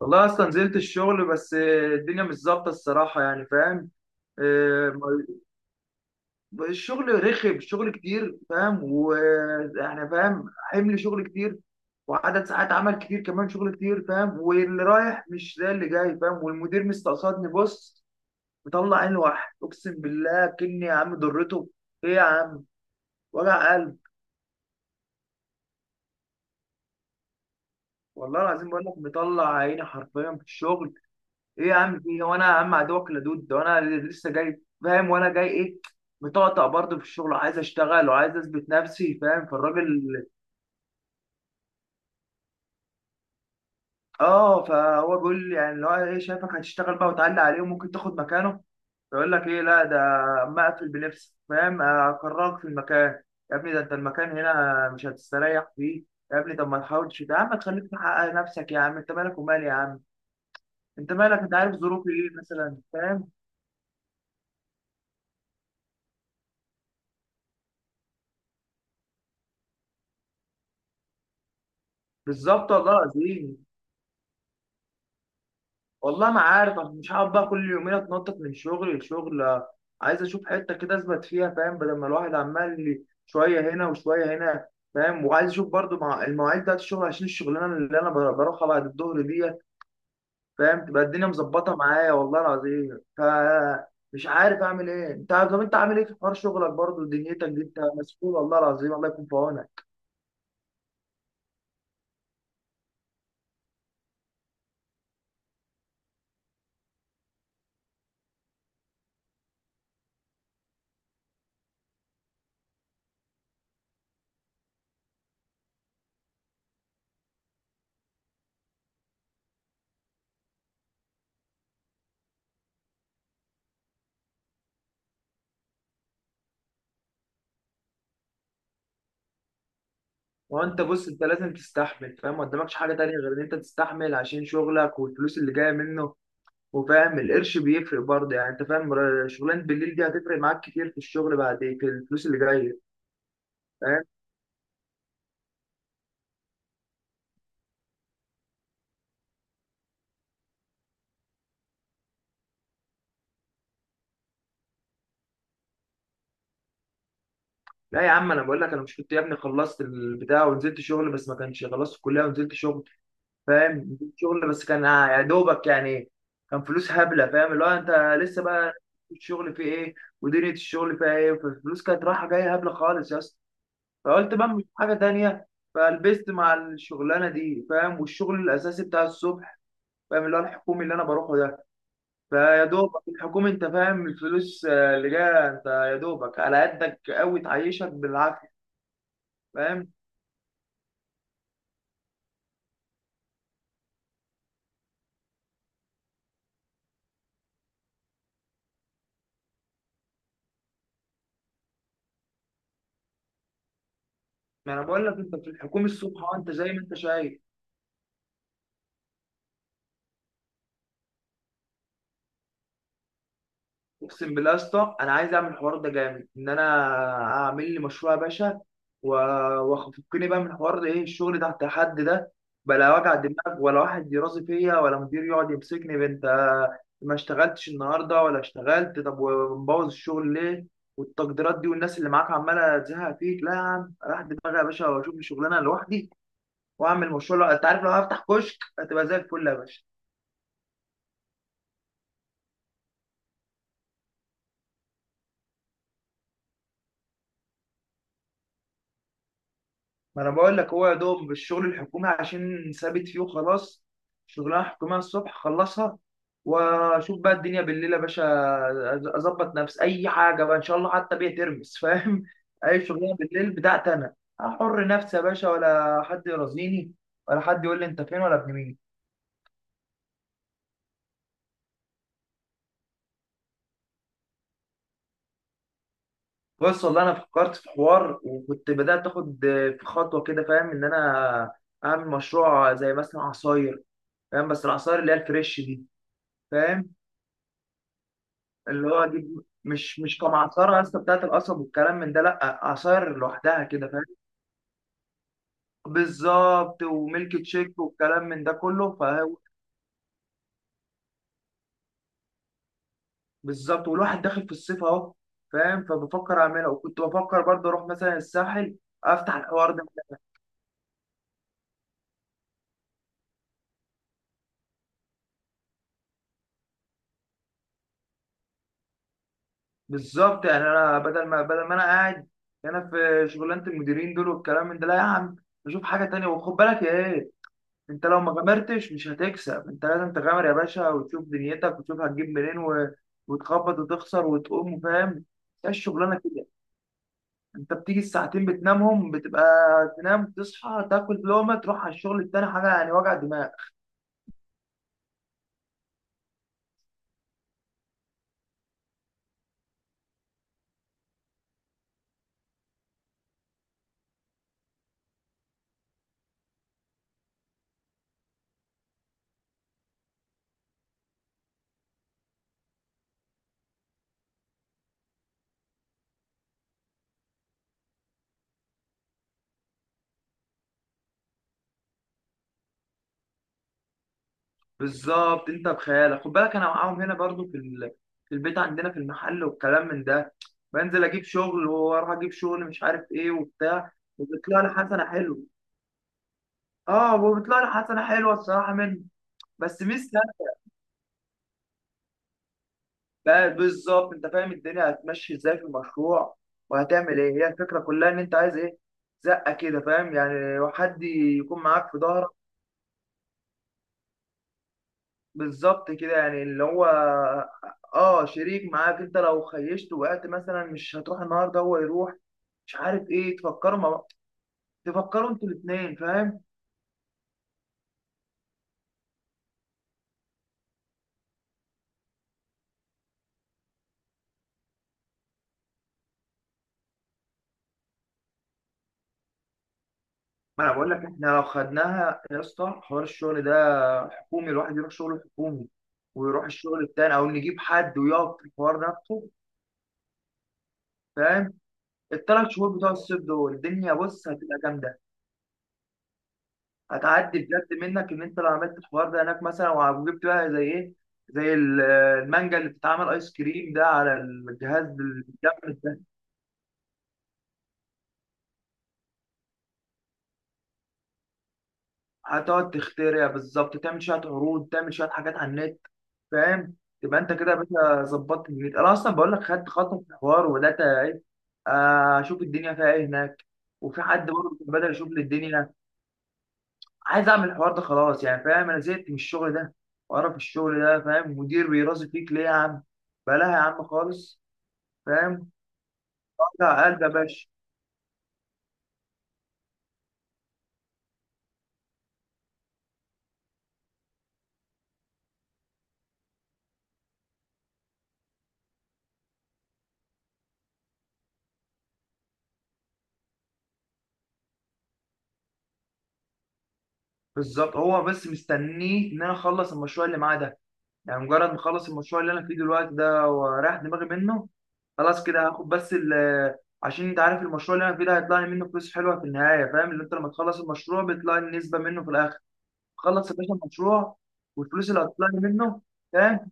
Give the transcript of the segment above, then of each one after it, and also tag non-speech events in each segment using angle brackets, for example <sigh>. والله اصلا نزلت الشغل بس آه، الدنيا مش ظابطه الصراحه يعني فاهم آه، الشغل رخم. الشغل كتير فاهم، واحنا فاهم حمل شغل كتير، وعدد ساعات عمل كتير كمان. شغل كتير فاهم، واللي رايح مش زي اللي جاي فاهم. والمدير مستقصدني، بص، مطلع عين واحد، اقسم بالله كني يا عم ضرته. ايه يا عم، وجع قلب. والله العظيم بقول لك مطلع عيني حرفيا في الشغل. ايه يا عم، في هو انا يا عم عدوك لدود؟ ده انا لسه جاي فاهم، وانا جاي ايه، مطقطق برضه في الشغل وعايز اشتغل وعايز اثبت نفسي فاهم. فالراجل اه، فهو بيقول لي يعني اللي هو ايه، شايفك هتشتغل بقى وتعلي عليه وممكن تاخد مكانه. يقول لك ايه، لا ده اما اقفل بنفسي فاهم، اكرهك في المكان. يا ابني ده انت المكان هنا مش هتستريح فيه. يا ابني طب ما تحاولش يا عم تخليك تحقق نفسك، يا عم انت مالك ومالي يا عم، انت مالك؟ انت عارف ظروفي ايه مثلا فاهم؟ بالظبط والله العظيم. والله ما عارف، أنا مش هقعد بقى كل يومين اتنطط من شغل لشغل آه، عايز اشوف حته كده اثبت فيها فاهم، بدل ما الواحد عمال لي شويه هنا وشويه هنا فاهم. وعايز اشوف برضو مع المواعيد بتاعت الشغل، عشان الشغلانه اللي انا بروحها بعد الظهر ديت فاهم، تبقى الدنيا مظبطه معايا والله العظيم. فمش عارف اعمل ايه. انت طب انت عامل ايه في حوار شغلك برضو؟ دنيتك دي انت مسؤول، والله العظيم الله يكون في عونك. وانت بص، انت لازم تستحمل فاهم، ما قدامكش حاجه تانيه غير ان انت تستحمل عشان شغلك والفلوس اللي جايه منه. وفاهم القرش بيفرق برضه يعني، انت فاهم، شغلانه بالليل دي هتفرق معاك كتير في الشغل بعد، في الفلوس اللي جايه فاهم. لا يا عم انا بقول لك، انا مش كنت يا ابني خلصت البتاع ونزلت شغل، بس ما كانش خلصت الكليه ونزلت شغل فاهم. نزلت شغل بس كان يا دوبك يعني، كان فلوس هبله فاهم، اللي هو انت لسه بقى الشغل فيه ايه ودنيا الشغل فيها ايه، فالفلوس كانت رايحه جايه هبله خالص يا اسطى. فقلت بقى مش حاجه تانيه، فلبست مع الشغلانه دي فاهم، والشغل الاساسي بتاع الصبح فاهم اللي هو الحكومي اللي انا بروحه ده. فيا دوبك الحكومة انت فاهم الفلوس آه، اللي جاية انت يا دوبك على قدك قوي تعيشك بالعافية فاهم. ما انا بقول لك انت في الحكومة الصبح، وانت زي ما انت شايف. اقسم بالله يا اسطى انا عايز اعمل الحوار ده جامد، ان انا اعمل لي مشروع يا باشا، و- وافكني بقى من حوار ده، ايه الشغل تحت حد ده، بلا وجع دماغ ولا واحد يرازي فيا ولا مدير يقعد يمسكني بنت، ما اشتغلتش النهارده ولا اشتغلت، طب ومبوظ الشغل ليه، والتقديرات دي، والناس اللي معاك عماله تزهق فيك. لا يا عم، راح دماغي يا باشا واشوف لي شغلانه لوحدي، واعمل مشروع. انت عارف لو هفتح كشك هتبقى زي الفل يا باشا. ما انا بقول لك هو يا دوب الشغل الحكومي عشان ثابت فيه وخلاص، شغلانه حكوميه الصبح خلصها، واشوف بقى الدنيا بالليل يا باشا. اظبط نفسي اي حاجه بقى ان شاء الله، حتى بيها ترمس فاهم <laughs> اي شغلانه بالليل بتاعتي انا، احر نفسي يا باشا ولا حد يرازيني، ولا حد يقول لي انت فين ولا ابن مين. بص والله انا فكرت في حوار وكنت بدات اخد في خطوه كده فاهم، ان انا اعمل مشروع زي مثلا عصاير فاهم، بس العصاير اللي هي الفريش دي فاهم، اللي هو اجيب مش كمعصره يا اسطى بتاعت القصب والكلام من ده، لا عصاير لوحدها كده فاهم. بالظبط، وميلك تشيك والكلام من ده كله. فهو بالظبط، والواحد داخل في الصيف اهو فاهم. فبفكر اعملها، وكنت بفكر برضه اروح مثلا الساحل افتح الحوار ده. بالظبط، يعني انا بدل ما انا قاعد هنا في شغلانه المديرين دول والكلام من ده، لا يا عم اشوف حاجه تانية. وخد بالك يا ايه، انت لو ما غامرتش مش هتكسب، انت لازم تغامر يا باشا وتشوف دنيتك وتشوف هتجيب منين و... وتخبط وتخسر وتقوم فاهم. هي الشغلانه كده. انت بتيجي الساعتين بتنامهم بتبقى تنام تصحى تاكل لقمه تروح على الشغل التاني، حاجه يعني وجع دماغ. بالظبط، انت بخيالك خد بالك انا معاهم هنا برضو في ال... في البيت عندنا في المحل والكلام من ده، بنزل اجيب شغل واروح اجيب شغل مش عارف ايه وبتاع، وبيطلع لي حسنه حلوه. اه وبيطلع لي حسنه حلوه الصراحه منه. بس ميزه بقى بالظبط، انت فاهم الدنيا هتمشي ازاي في المشروع، وهتعمل ايه، هي الفكره كلها ان انت عايز ايه، زقه كده فاهم، يعني حد يكون معاك في ظهرك. بالظبط كده يعني اللي هو اه شريك معاك، انت لو خيشت وقعت مثلا مش هتروح النهارده هو يروح، مش عارف ايه، تفكروا انتوا الاثنين فاهم. ما انا بقول لك احنا لو خدناها يا اسطى حوار الشغل ده، حكومي الواحد يروح شغله حكومي، ويروح الشغل التاني، او نجيب حد ويقف في الحوار نفسه فاهم. الثلاث شهور بتوع الصيف دول الدنيا بص هتبقى جامده، هتعدي بجد منك. ان انت لو عملت الحوار ده هناك مثلا، وجبت بقى زي ايه، زي المانجا اللي بتتعمل ايس كريم ده على الجهاز الجامد ده، هتقعد تخترع بالظبط، تعمل شويه عروض، تعمل شويه حاجات على النت فاهم. تبقى انت كده يا باشا ظبطت. النت انا اصلا بقول لك خدت خطوه في الحوار وبدات ايه آه، اشوف الدنيا فيها ايه هناك، وفي حد برضه كان بدأ يشوف لي الدنيا. عايز اعمل الحوار ده خلاص يعني فاهم، انا زهقت من الشغل ده وقرف الشغل ده فاهم، مدير بيرازي فيك ليه يا عم، بلاها يا عم خالص فاهم، ارجع قلب يا باشا. بالظبط، هو بس مستنيه ان انا اخلص المشروع اللي معاه ده، يعني مجرد ما اخلص المشروع اللي انا فيه دلوقتي ده ورايح دماغي منه، خلاص كده هاخد بس ال آه، عشان انت عارف المشروع اللي انا فيه ده هيطلع لي منه فلوس حلوه في النهايه فاهم، اللي انت لما تخلص المشروع بيطلع لي نسبه منه في الاخر. خلص يا باشا المشروع، والفلوس اللي هتطلع لي منه فاهم.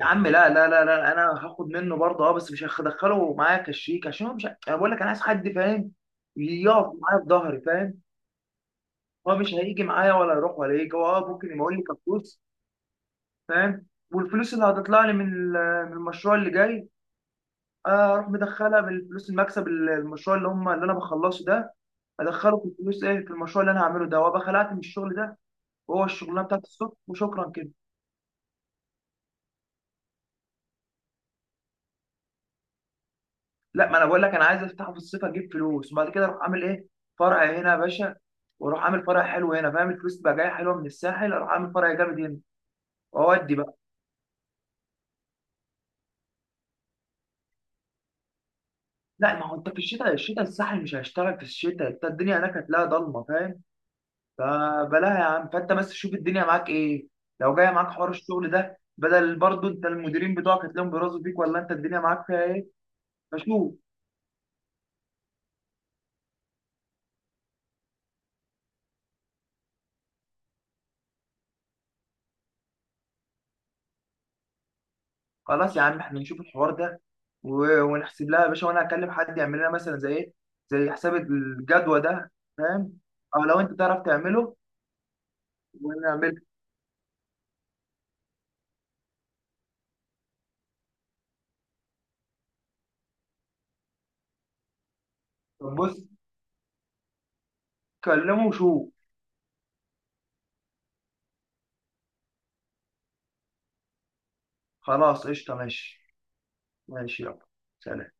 يا عم لا لا لا لا، انا هاخد منه برضه اه، بس مش هدخله معايا كشريك، عشان هو مش، انا بقول لك انا عايز حد فاهم يقف معايا في ظهري فاهم. هو مش هيجي معايا ولا يروح ولا يجي، هو اه ممكن يبقى يقول لي كفلوس فاهم. والفلوس اللي هتطلع لي من من المشروع اللي جاي آه، اروح مدخلها بالفلوس المكسب المشروع اللي هم اللي انا بخلصه ده، ادخله في الفلوس ايه، في المشروع اللي انا هعمله ده، وابقى خلعت من الشغل ده، وهو الشغلانه بتاعت الصبح، وشكرا كده. لا ما انا بقول لك، انا عايز افتحه في الصيف، اجيب فلوس، وبعد كده اروح عامل ايه، فرع هنا يا باشا، واروح عامل فرع حلو هنا فاهم. الفلوس تبقى جايه حلوه من الساحل، اروح عامل فرع جامد هنا، واودي بقى. لا ما هو انت في الشتاء، الشتاء الساحل مش هيشتغل في الشتاء، انت الدنيا هناك هتلاقيها ضلمه فاهم، فبلاها يا عم. فانت بس شوف الدنيا معاك ايه، لو جايه معاك حوار الشغل ده بدل برضه انت المديرين بتوعك هتلاقيهم بيرازوا فيك، ولا انت الدنيا معاك فيها ايه، فشوف. خلاص يا عم احنا نشوف الحوار ده و... ونحسب لها يا باشا، وانا هكلم حد يعمل لنا مثلا زي ايه، زي حساب الجدوى ده فاهم، او لو انت تعرف تعمله ونعمل. طب بص، كلمه وشوف. خلاص قشطه، ماشي. ماشي يلا، سلام.